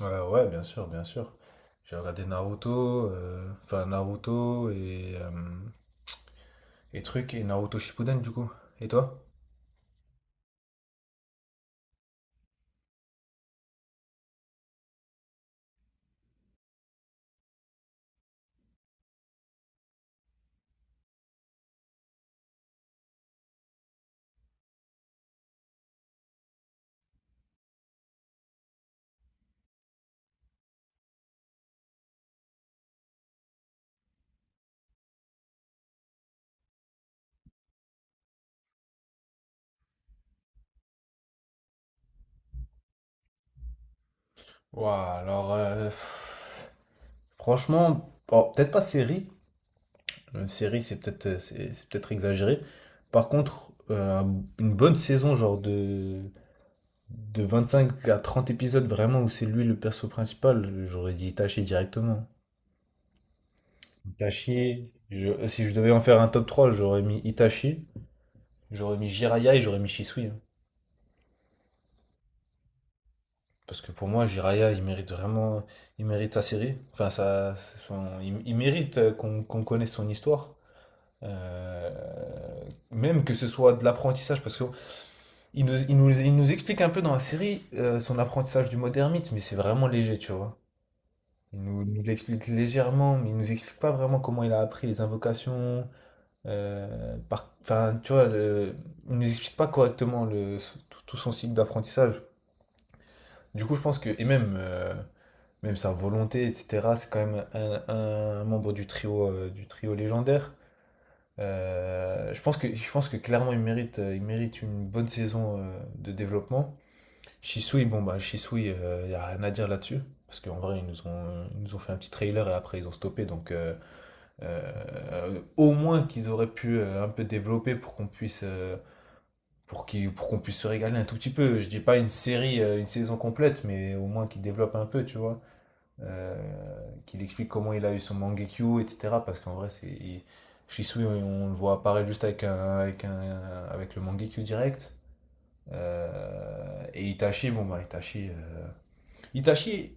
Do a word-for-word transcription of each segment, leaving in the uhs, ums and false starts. Ouais, ouais, bien sûr, bien sûr. J'ai regardé Naruto, euh, enfin Naruto et, euh, et trucs et Naruto Shippuden du coup. Et toi? Ouah, alors, euh, pff, franchement, bon, peut-être pas série. Une série, c'est peut-être euh, c'est c'est peut-être exagéré. Par contre, euh, un- une bonne saison, genre de, de vingt-cinq à trente épisodes, vraiment, où c'est lui le perso principal, j'aurais dit Itachi directement. Itachi, je- si je devais en faire un top trois j'aurais mis Itachi. J'aurais mis Jiraya et j'aurais mis Shisui. Hein. Parce que pour moi, Jiraya, il mérite vraiment. Il mérite sa série. Enfin, ça, c'est son... il, il mérite euh, qu'on qu'on connaisse son histoire. Euh, Même que ce soit de l'apprentissage. Parce qu'il nous, il nous, il nous explique un peu dans la série euh, son apprentissage du mode ermite, mais c'est vraiment léger, tu vois. Il nous, nous l'explique légèrement, mais il nous explique pas vraiment comment il a appris les invocations. euh, par... Enfin, tu vois, le- il nous explique pas correctement le... tout, tout son cycle d'apprentissage. Du coup, je pense que, et même, euh, même sa volonté, et cetera, c'est quand même un, un membre du trio, euh, du trio légendaire. Euh, je pense que, je pense que clairement, il mérite, euh, il mérite une bonne saison euh, de développement. Shisui, bon, bah, Shisui, il n'y a rien à dire là-dessus. Parce qu'en vrai, ils nous ont, ils nous ont fait un petit trailer et après, ils ont stoppé. Donc, euh, euh, au moins qu'ils auraient pu euh, un peu développer pour qu'on puisse. Euh, pour qu'il- pour qu'on puisse se régaler un tout petit peu. Je dis pas une série, euh, une saison complète, mais au moins qu'ils développent un peu, tu vois euh, qu'il explique comment il a eu son Mangekyo, et cetera. Parce qu'en vrai, c'est il- Shisui, on le voit apparaître juste avec un, avec un, avec le Mangekyo direct. Euh, et Itachi, bon bah Itachi, euh, Itachi,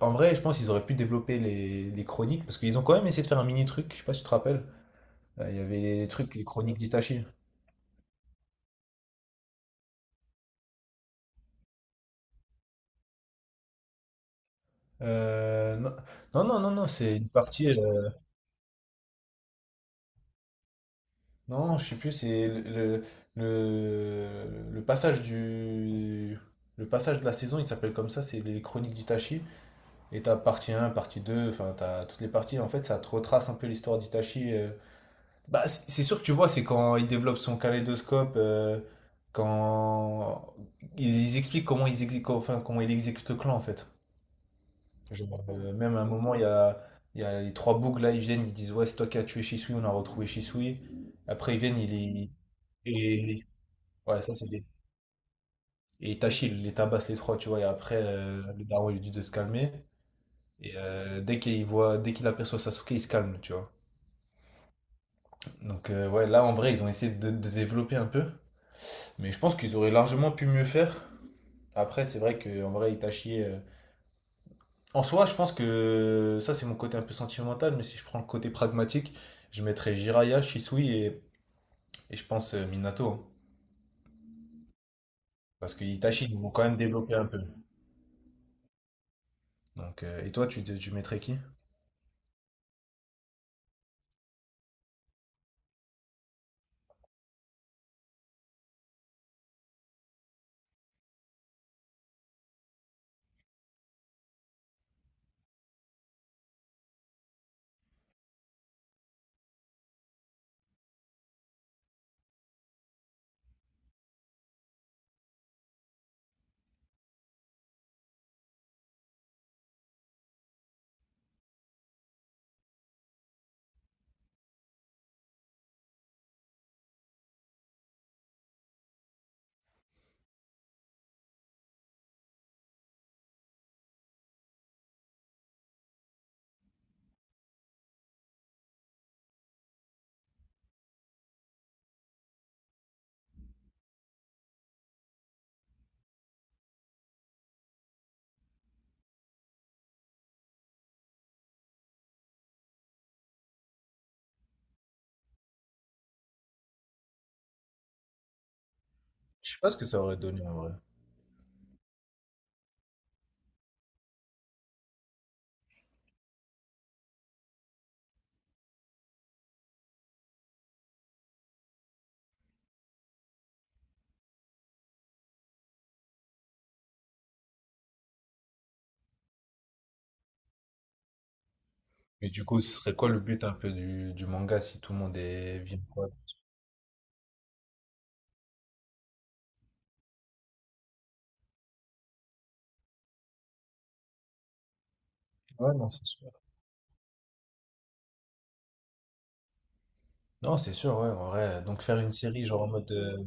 en vrai, je pense qu'ils auraient pu développer les, les chroniques parce qu'ils ont quand même essayé de faire un mini truc. Je sais pas si tu te rappelles. Euh, Il y avait les trucs, les chroniques d'Itachi. Euh, non, non, non, non, non, c'est une partie. euh, Non, je sais plus, c'est le, le, le- passage du. Le passage de la saison, il s'appelle comme ça, c'est les chroniques d'Itachi. Et t'as partie un, partie deux. Enfin t'as toutes les parties. En fait, ça te retrace un peu l'histoire d'Itachi. euh. Bah, c- c'est sûr que tu vois, c'est quand il développe son kaléidoscope, euh, quand ils ils expliquent comment ils exé- enfin, comment il exécute le clan en fait. Je vois. Euh, même à un moment, il y a, il y a les trois bougs là, ils viennent, ils disent ouais, c'est toi qui as tué Shisui, on a retrouvé Shisui. Après, ils viennent, ils, ils, ouais, ça c'est les... Et Itachi, il les tabasse les trois, tu vois, et après, euh, le daron il lui dit de se calmer. Et euh, dès qu'il voit, dès qu'il aperçoit Sasuke, il se calme, tu vois. Donc euh, ouais, là en vrai, ils ont essayé de, de développer un peu. Mais je pense qu'ils auraient largement pu mieux faire. Après, c'est vrai que en vrai, Itachi... euh, En soi, je pense que ça c'est mon côté un peu sentimental, mais si je prends le côté pragmatique, je mettrais Jiraiya, Shisui et, et je pense euh, Minato. Hein. Parce que Itachi, ils vont quand même développer un peu. Donc, euh, et toi, tu, tu mettrais qui? Je sais pas ce que ça aurait donné en vrai. Mais du coup, ce serait quoi le but un peu du, du manga si tout le monde est vient quoi? Ouais, non, c'est sûr. Non, c'est sûr, ouais, en vrai. Donc faire une série genre en mode euh,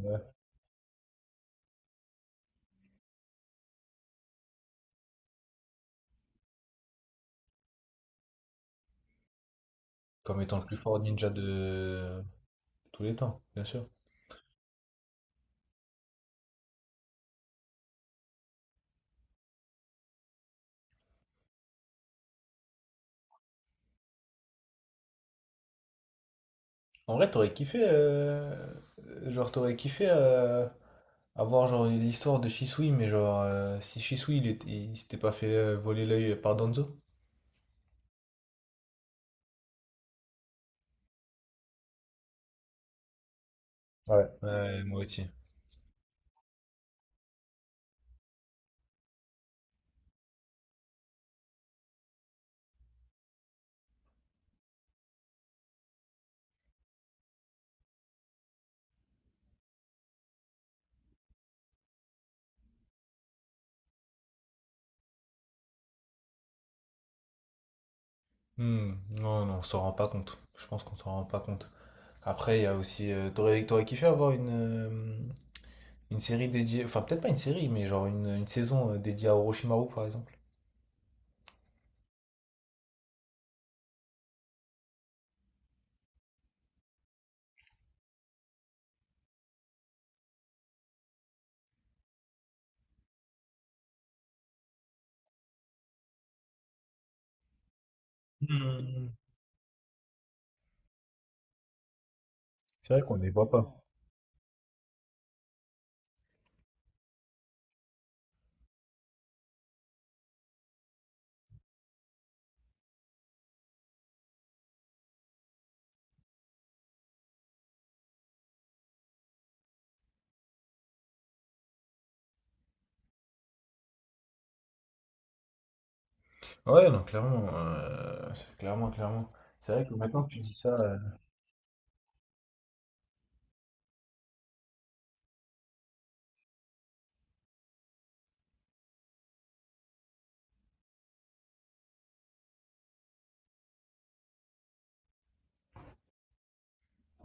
comme étant le plus fort ninja de tous les temps, bien sûr. En vrai, t'aurais kiffé, euh, genre t'aurais kiffé euh, avoir genre l'histoire de Shisui, mais genre euh, si Shisui il, était- il s'était pas fait euh, voler l'œil par Danzo. Ouais. Ouais, moi aussi. Hmm. Non, non, on s'en rend pas compte. Je pense qu'on s'en rend pas compte. Après, il y a aussi, euh, t'aurais t'aurais kiffé avoir une euh, une série dédiée, enfin peut-être pas une série, mais genre une, une saison euh, dédiée à Orochimaru par exemple. Hmm. C'est vrai qu'on ne les voit pas. Ouais, non, clairement, euh, c'est- clairement, clairement. C'est vrai que maintenant que tu dis ça.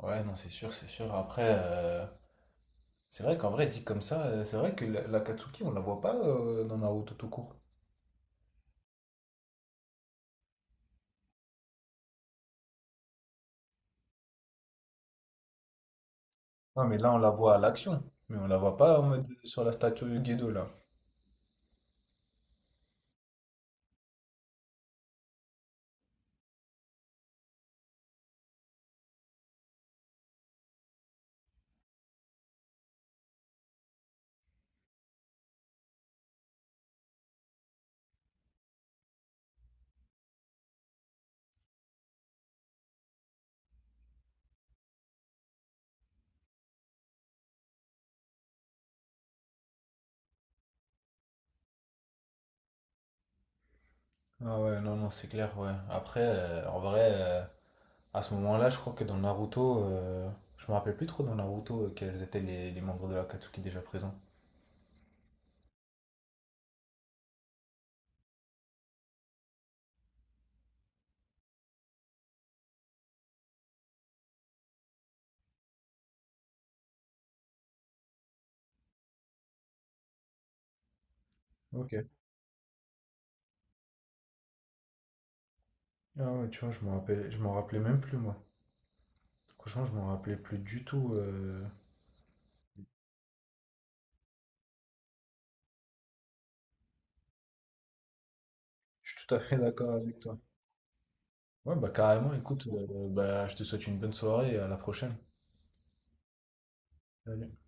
Ouais, non, c'est sûr, c'est sûr. Après, euh, c'est vrai qu'en vrai, dit comme ça, euh, c'est vrai que la, la Katsuki, on la voit pas euh, dans Naruto tout court. Ouais, mais là, on la voit à l'action. Mais on la voit pas en mode euh, sur la statue Gedo, là. Ah ouais, non, non, c'est clair, ouais. Après, euh, en vrai, euh, à ce moment-là, je crois que dans Naruto, euh, je me rappelle plus trop dans Naruto euh, quels étaient les, les membres de la Katsuki déjà présents. Ok. Ah ouais, tu vois, je m'en rappelais, je m'en rappelais même plus, moi. Franchement, je m'en rappelais plus du tout. euh, Je suis tout à fait d'accord avec toi. Ouais, bah carrément, écoute, euh, bah, je te souhaite une bonne soirée et à la prochaine. Salut.